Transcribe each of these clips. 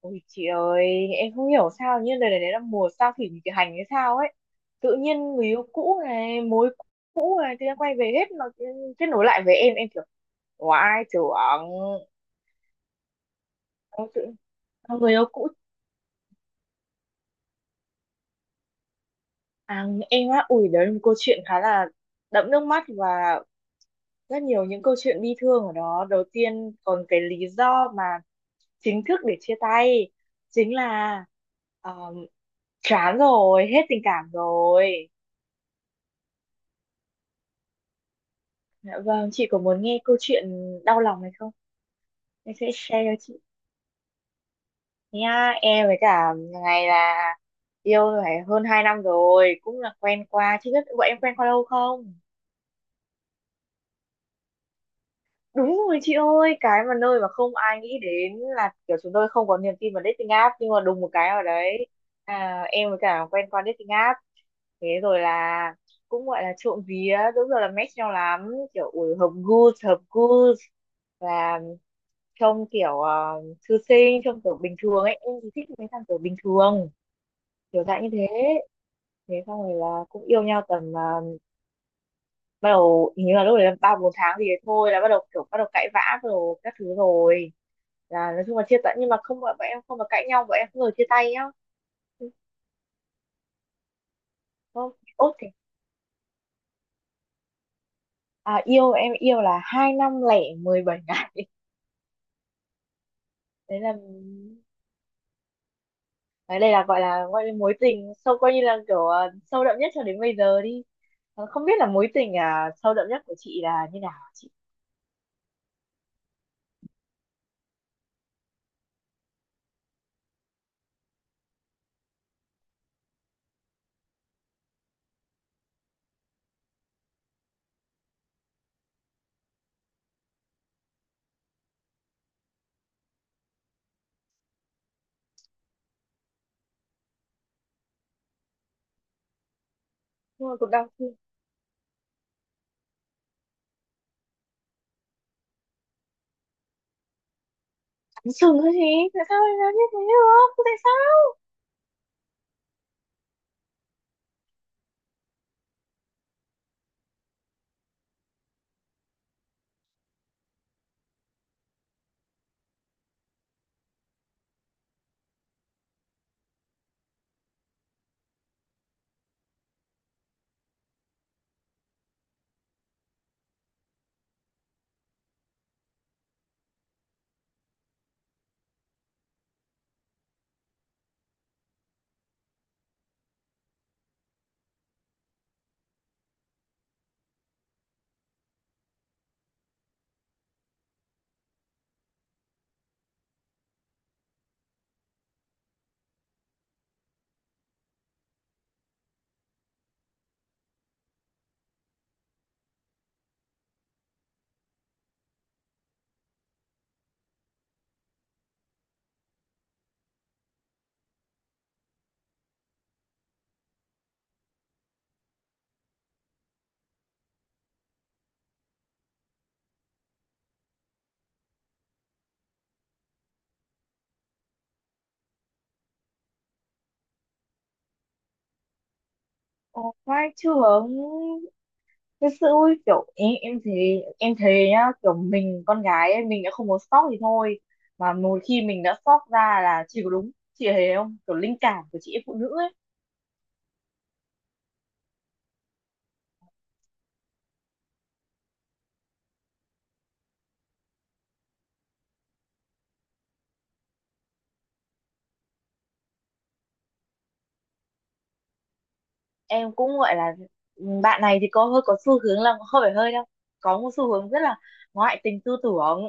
Ôi chị ơi, em không hiểu sao nhưng đời này là mùa sao thủy nghịch hành hay sao ấy. Tự nhiên người yêu cũ này, mối cũ này, tự nhiên quay về hết, nó kết nối lại với em kiểu oai trưởng. Em Tự, người yêu cũ em á, ui đấy là một câu chuyện khá là đẫm nước mắt và rất nhiều những câu chuyện bi thương ở đó. Đầu tiên còn cái lý do mà chính thức để chia tay chính là ờ, chán rồi, hết tình cảm rồi. Dạ vâng, chị có muốn nghe câu chuyện đau lòng này không? Em sẽ share cho chị. Nha, em với cả ngày là yêu phải hơn 2 năm rồi, cũng là quen qua. Chị biết bọn em quen qua lâu không? Đúng rồi chị ơi, cái mà nơi mà không ai nghĩ đến là kiểu chúng tôi không có niềm tin vào dating app, nhưng mà đùng một cái ở đấy em với cả quen qua dating app, thế rồi là cũng gọi là trộm vía, đúng rồi, là match nhau lắm, kiểu ui hợp gu hợp gu, là trông kiểu thư sinh, trông kiểu bình thường ấy, em thì thích mấy thằng kiểu bình thường, kiểu dạng như thế. Thế xong rồi là cũng yêu nhau tầm bắt đầu hình như là lúc đấy là ba bốn tháng gì đấy thôi, là bắt đầu cãi vã rồi các thứ rồi, là nói chung là chia tay, nhưng mà không, bọn em không có cãi nhau, bọn em không bao giờ chia tay nhá. Không ốt thì yêu, em yêu là 2 năm lẻ 17 ngày đấy là đấy. Đây là gọi là gọi là mối tình sâu, coi như là kiểu sâu đậm nhất cho đến bây giờ đi. Ờ, không biết là mối tình sâu đậm nhất của chị là như nào hả chị? Nhưng mà cũng đau thương sừng thôi chị, tại sao lại làm như thế được, tại sao? Ồ, vai trưởng thật sự ui, kiểu em thấy nhá, kiểu mình con gái ấy, mình đã không muốn stalk thì thôi, mà một khi mình đã stalk ra là chỉ có đúng. Chị thấy không, kiểu linh cảm của chị em phụ nữ ấy. Em cũng gọi là ừ, bạn này thì có hơi có xu hướng là hơi phải hơi đâu, có một xu hướng rất là ngoại tình tư tưởng.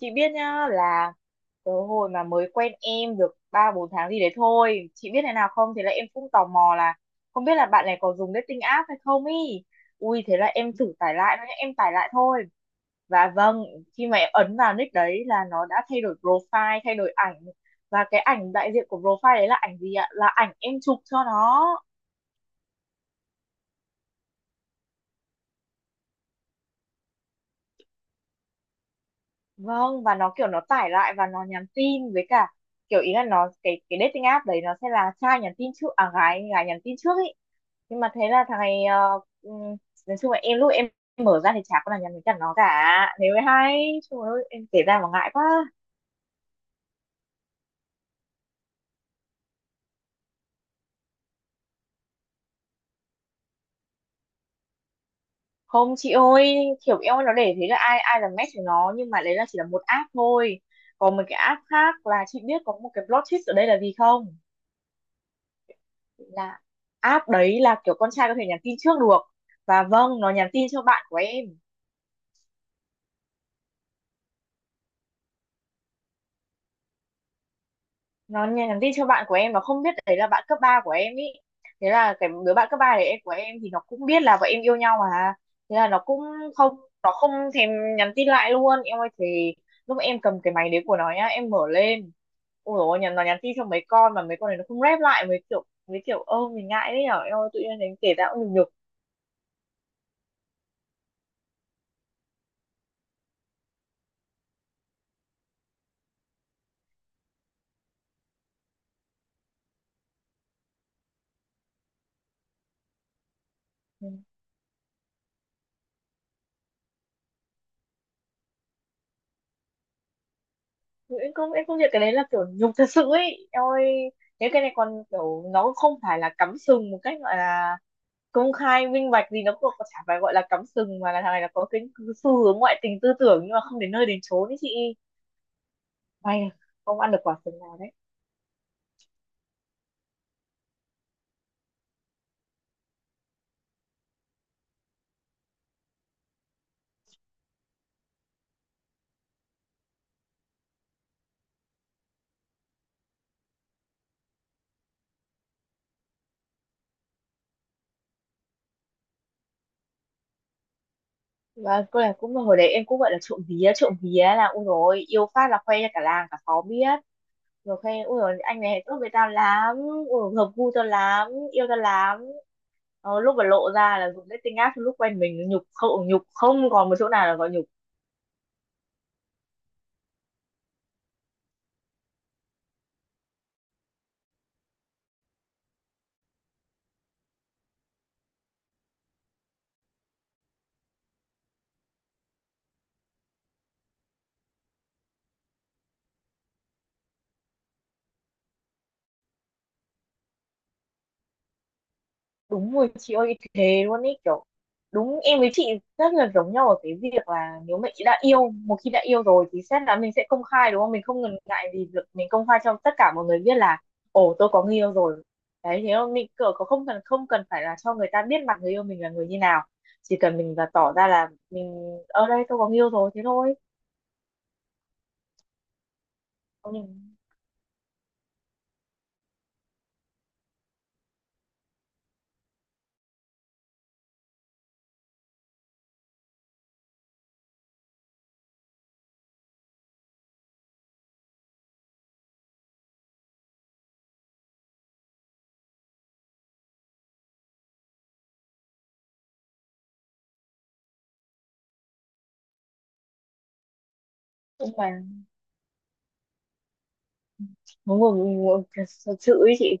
Chị biết nhá, là cái hồi mà mới quen em được ba bốn tháng gì đấy thôi, chị biết thế nào không, thế là em cũng tò mò là không biết là bạn này có dùng dating app hay không ý. Ui thế là em thử tải lại thôi nhá, em tải lại thôi. Và vâng, khi mà em ấn vào nick đấy là nó đã thay đổi profile, thay đổi ảnh. Và cái ảnh đại diện của profile đấy là ảnh gì ạ? Là ảnh em chụp cho nó. Vâng, và nó kiểu nó tải lại và nó nhắn tin với cả, kiểu ý là nó, cái dating app đấy nó sẽ là trai nhắn tin trước à gái gái nhắn tin trước ý, nhưng mà thế là thằng này nói chung là em lúc em mở ra thì chả có là nhắn với cả nó cả, thế mới hay. Trời ơi em kể ra mà ngại quá. Không chị ơi, kiểu em nó để thế là ai ai là match của nó, nhưng mà đấy là chỉ là một app thôi, còn một cái app khác, là chị biết có một cái plot twist ở đây là gì không? Là app đấy là kiểu con trai có thể nhắn tin trước được, và vâng, nó nhắn tin cho bạn của em. Nó nhắn tin cho bạn của em Nó không biết đấy là bạn cấp 3 của em ý. Thế là cái đứa bạn cấp 3 đấy, em của em thì nó cũng biết là bọn em yêu nhau mà. Thế là nó cũng không nó không thèm nhắn tin lại luôn em ơi. Thì lúc em cầm cái máy đấy của nó nhá, em mở lên, ôi dồi ôi, nhắn, nó nhắn tin cho mấy con mà mấy con này nó không rep lại, mấy kiểu ơ mình ngại đấy nhở em ơi, tự nhiên đến kể ra cũng nhục nhục. Ừ, em không nhận cái đấy, là kiểu nhục thật sự ấy em ơi. Thế cái này còn kiểu nó không phải là cắm sừng một cách gọi là công khai minh bạch gì, nó cũng có chả phải gọi là cắm sừng, mà là thằng này là có cái xu hướng ngoại tình tư tưởng nhưng mà không đến nơi đến chốn đấy chị. May không ăn được quả sừng nào đấy. Và cô này cũng hồi đấy em cũng gọi là trộm vía, trộm vía là ui rồi yêu phát là khoe cho cả làng cả xóm biết, rồi khoe ui rồi anh này tốt với tao lắm, ui hợp gu tao lắm, yêu tao lắm. Lúc mà lộ ra là dùng dating app lúc quen mình, nhục không, nhục không còn một chỗ nào là gọi nhục. Đúng rồi chị ơi, thế luôn ý, kiểu đúng, em với chị rất là giống nhau ở cái việc là nếu mà chị đã yêu, một khi đã yêu rồi thì xét là mình sẽ công khai, đúng không, mình không ngần ngại gì việc mình công khai cho tất cả mọi người biết là ồ tôi có người yêu rồi. Đấy, thế không mình kiểu có, không cần phải là cho người ta biết mặt người yêu mình là người như nào, chỉ cần mình là tỏ ra là mình ở đây tôi có người yêu rồi, thế thôi. Nhưng nhưng mà ngồi ngồi thật sự ý chị.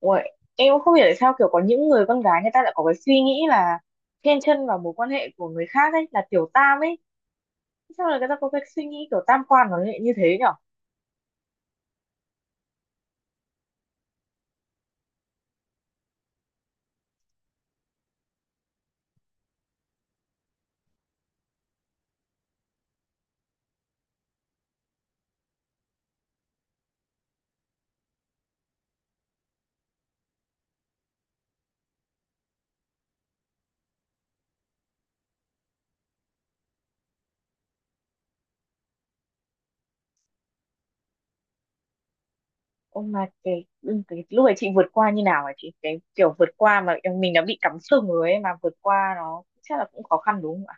Uầy, em cũng không hiểu tại sao kiểu có những người con gái người ta lại có cái suy nghĩ là chen chân vào mối quan hệ của người khác ấy, là tiểu tam ấy, sao là người ta có cái suy nghĩ kiểu tam quan nó lại như thế nhở. Ông mà cái, cái lúc ấy chị vượt qua như nào hả chị, cái kiểu vượt qua mà mình đã bị cắm sừng rồi ấy, mà vượt qua nó chắc là cũng khó khăn đúng không?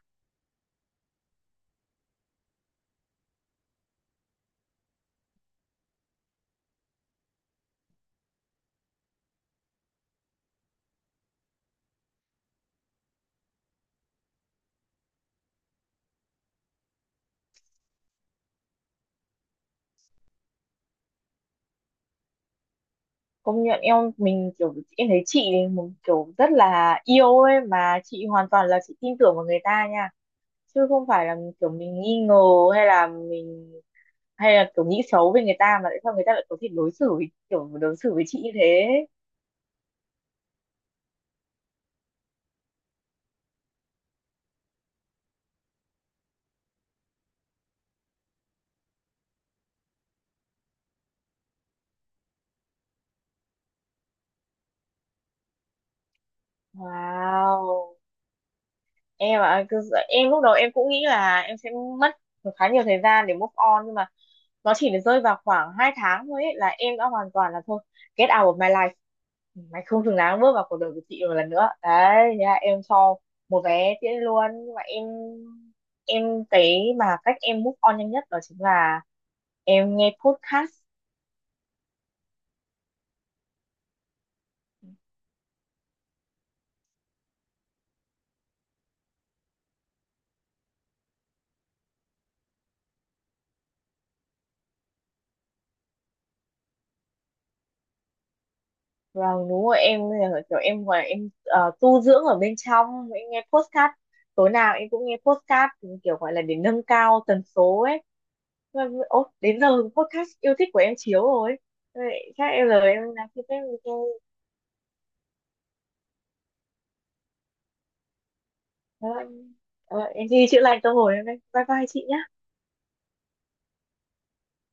Công nhận em, mình kiểu em thấy chị ấy một kiểu rất là yêu ấy, mà chị hoàn toàn là chị tin tưởng vào người ta nha, chứ không phải là kiểu mình nghi ngờ, hay là mình hay là kiểu nghĩ xấu về người ta, mà tại sao người ta lại có thể đối xử với, kiểu đối xử với chị như thế. Wow em ạ, em lúc đầu em cũng nghĩ là em sẽ mất khá nhiều thời gian để move on, nhưng mà nó chỉ được rơi vào khoảng 2 tháng thôi ấy, là em đã hoàn toàn là thôi, get out of my life, mày không xứng đáng bước vào cuộc đời của chị một lần nữa đấy, thế là em cho một vé tiễn luôn. Nhưng mà em, cái mà cách em move on nhanh nhất đó chính là em nghe podcast. Và đúng rồi em, kiểu em gọi em tu dưỡng ở bên trong, em nghe podcast, tối nào em cũng nghe podcast, kiểu gọi là để nâng cao tần số ấy. Ôi đến giờ podcast yêu thích của em chiếu rồi. Thôi em rồi em làm gì đấy, em đi chữa lành tâm hồn em đây, bye bye chị nhé.